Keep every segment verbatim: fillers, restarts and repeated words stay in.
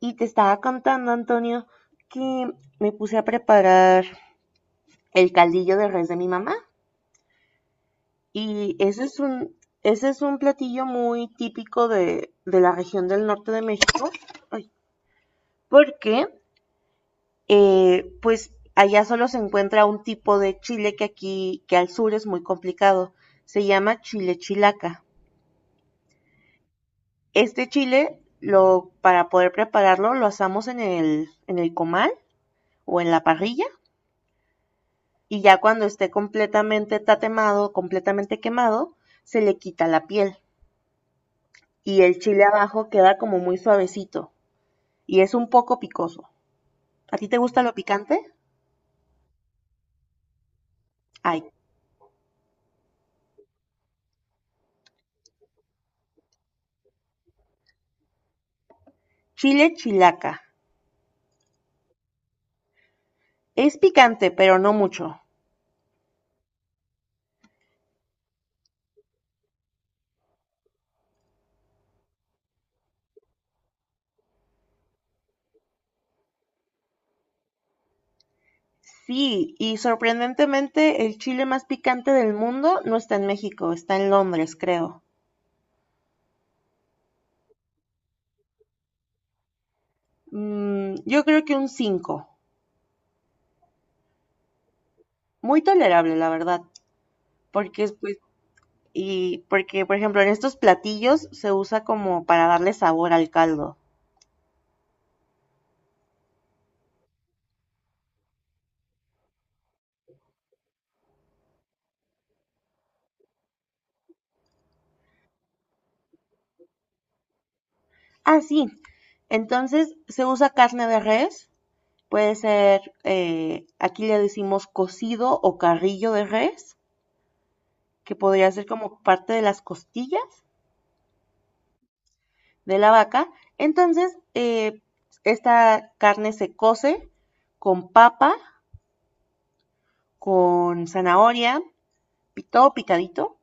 Y te estaba contando, Antonio, que me puse a preparar el caldillo de res de mi mamá. Y ese es un, ese es un platillo muy típico de, de la región del norte de México. Ay, porque, eh, pues, allá solo se encuentra un tipo de chile que aquí, que al sur es muy complicado. Se llama chile chilaca. Este chile, lo, para poder prepararlo, lo asamos en el, en el comal o en la parrilla y ya cuando esté completamente tatemado, completamente quemado, se le quita la piel y el chile abajo queda como muy suavecito y es un poco picoso. ¿A ti te gusta lo picante? Ay, chile chilaca. Es picante, pero no mucho. Sí, y sorprendentemente el chile más picante del mundo no está en México, está en Londres, creo. Mm, yo creo que un cinco. Muy tolerable, la verdad, porque pues y porque, por ejemplo, en estos platillos se usa como para darle sabor al caldo. Ah, sí. Entonces se usa carne de res. Puede ser, eh, aquí le decimos cocido o carrillo de res, que podría ser como parte de las costillas de la vaca. Entonces, eh, esta carne se cose con papa, con zanahoria, todo picadito,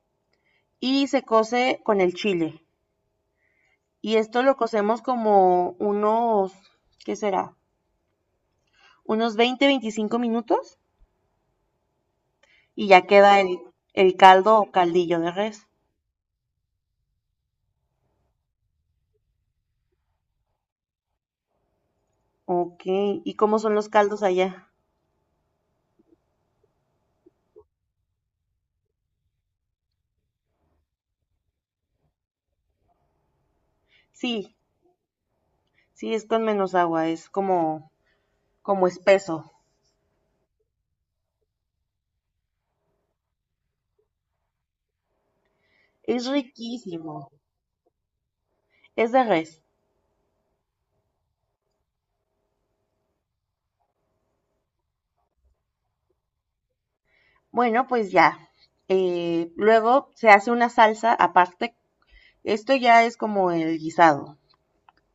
y se cose con el chile. Y esto lo cocemos como unos, ¿qué será? Unos veinte, veinticinco minutos y ya queda el, el caldo o caldillo de res. Ok, ¿y cómo son los caldos allá? Sí, sí, es con menos agua, es como, como espeso. Es riquísimo, es de res. Bueno, pues ya. Eh, luego se hace una salsa aparte. Esto ya es como el guisado.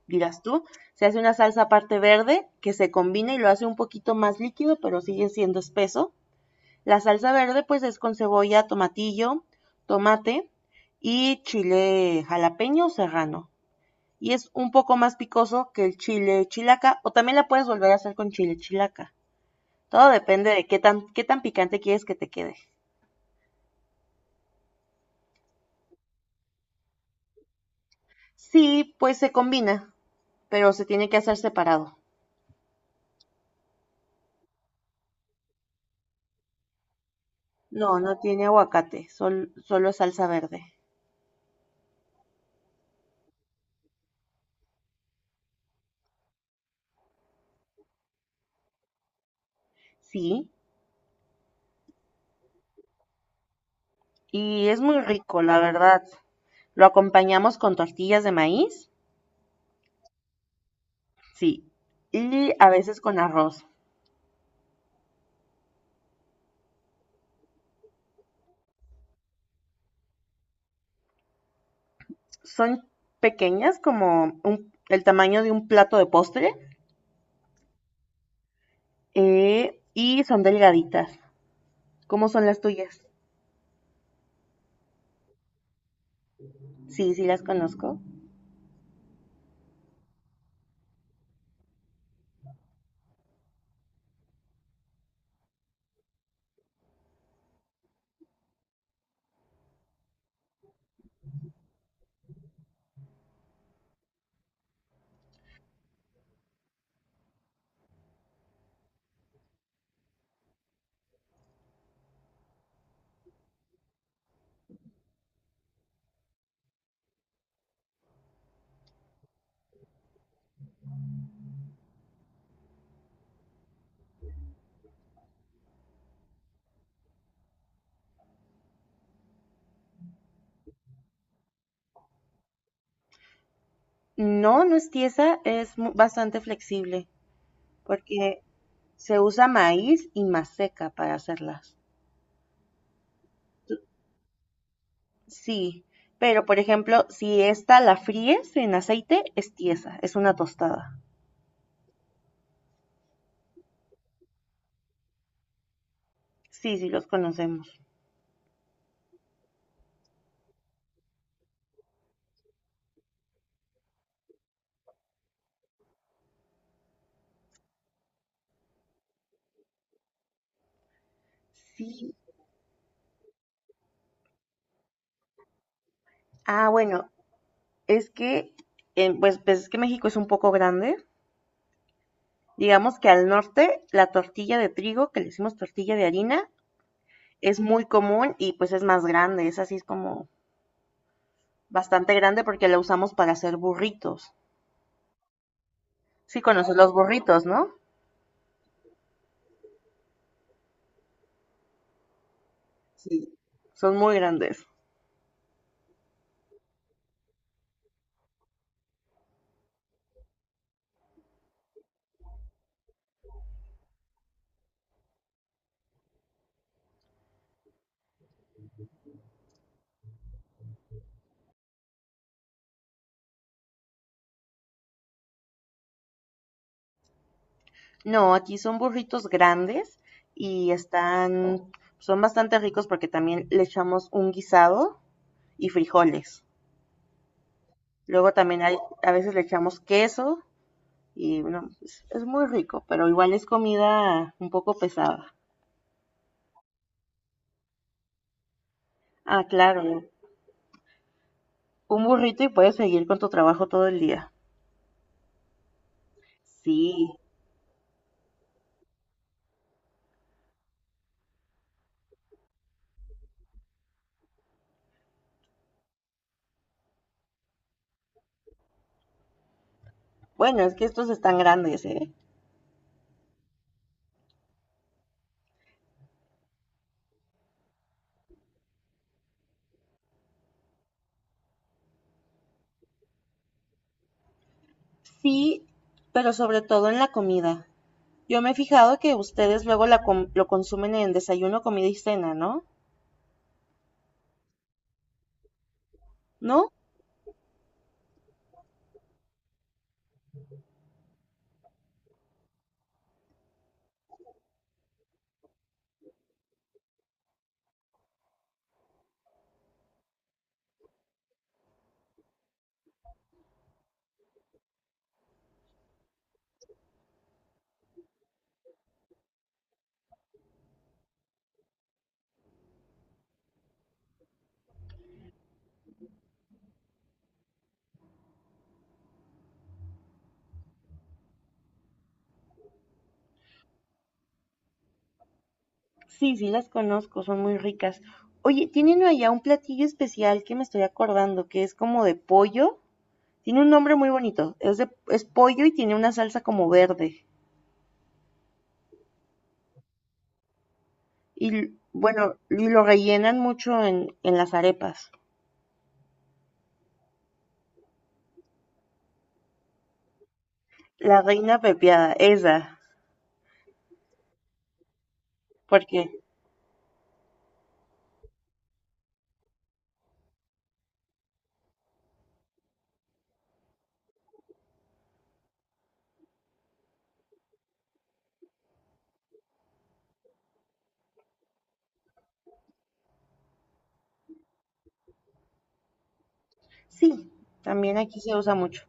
Dirás tú, se hace una salsa aparte verde que se combina y lo hace un poquito más líquido, pero sigue siendo espeso. La salsa verde pues es con cebolla, tomatillo, tomate y chile jalapeño o serrano. Y es un poco más picoso que el chile chilaca o también la puedes volver a hacer con chile chilaca. Todo depende de qué tan, qué tan picante quieres que te quede. Sí, pues se combina, pero se tiene que hacer separado. No, no tiene aguacate, sol- solo salsa verde. Sí, y es muy rico, la verdad. Lo acompañamos con tortillas de maíz, sí, y a veces con arroz. Son pequeñas, como un- el tamaño de un plato de postre, eh, y son delgaditas. ¿Cómo son las tuyas? Sí, sí las conozco. No, no es tiesa, es bastante flexible, porque se usa maíz y maseca para hacerlas. Sí, pero por ejemplo, si esta la fríes en aceite, es tiesa, es una tostada. Sí, sí, los conocemos. Sí. Ah, bueno, es que, eh, pues, pues es que México es un poco grande. Digamos que al norte la tortilla de trigo, que le decimos tortilla de harina, es muy común y pues es más grande. Es así, es como bastante grande porque la usamos para hacer burritos. Sí, conoces los burritos, ¿no? Sí. Son muy grandes. No, aquí son burritos grandes y están, son bastante ricos porque también le echamos un guisado y frijoles. Luego también hay, a veces le echamos queso y bueno, es, es muy rico, pero igual es comida un poco pesada. Ah, claro, un burrito y puedes seguir con tu trabajo todo el día. Sí, bueno, es que estos están grandes, ¿eh? Sí, pero sobre todo en la comida. Yo me he fijado que ustedes luego la com- lo consumen en desayuno, comida y cena, ¿no? ¿No? Sí, sí las conozco, son muy ricas. Oye, tienen allá un platillo especial que me estoy acordando, que es como de pollo. Tiene un nombre muy bonito. Es, de, es pollo y tiene una salsa como verde. Y bueno, y lo rellenan mucho en, en las arepas. La reina pepiada, esa. Porque sí, también aquí se usa mucho.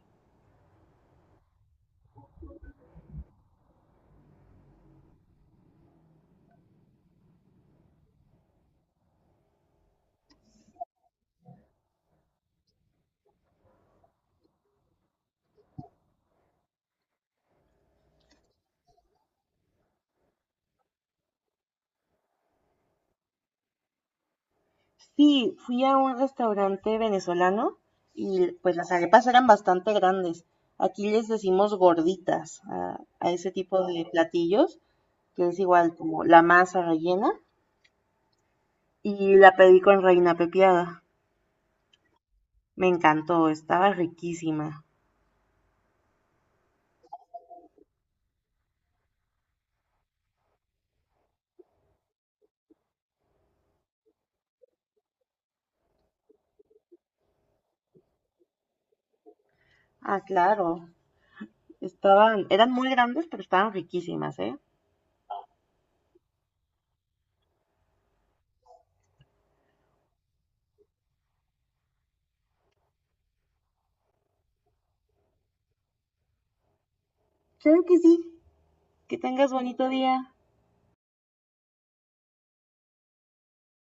Sí, fui a un restaurante venezolano y pues las arepas eran bastante grandes. Aquí les decimos gorditas a, a ese tipo de platillos, que es igual como la masa rellena. Y la pedí con reina pepiada. Me encantó, estaba riquísima. Ah, claro. Estaban, eran muy grandes, pero estaban riquísimas, ¿eh? Claro que sí. Que tengas bonito día.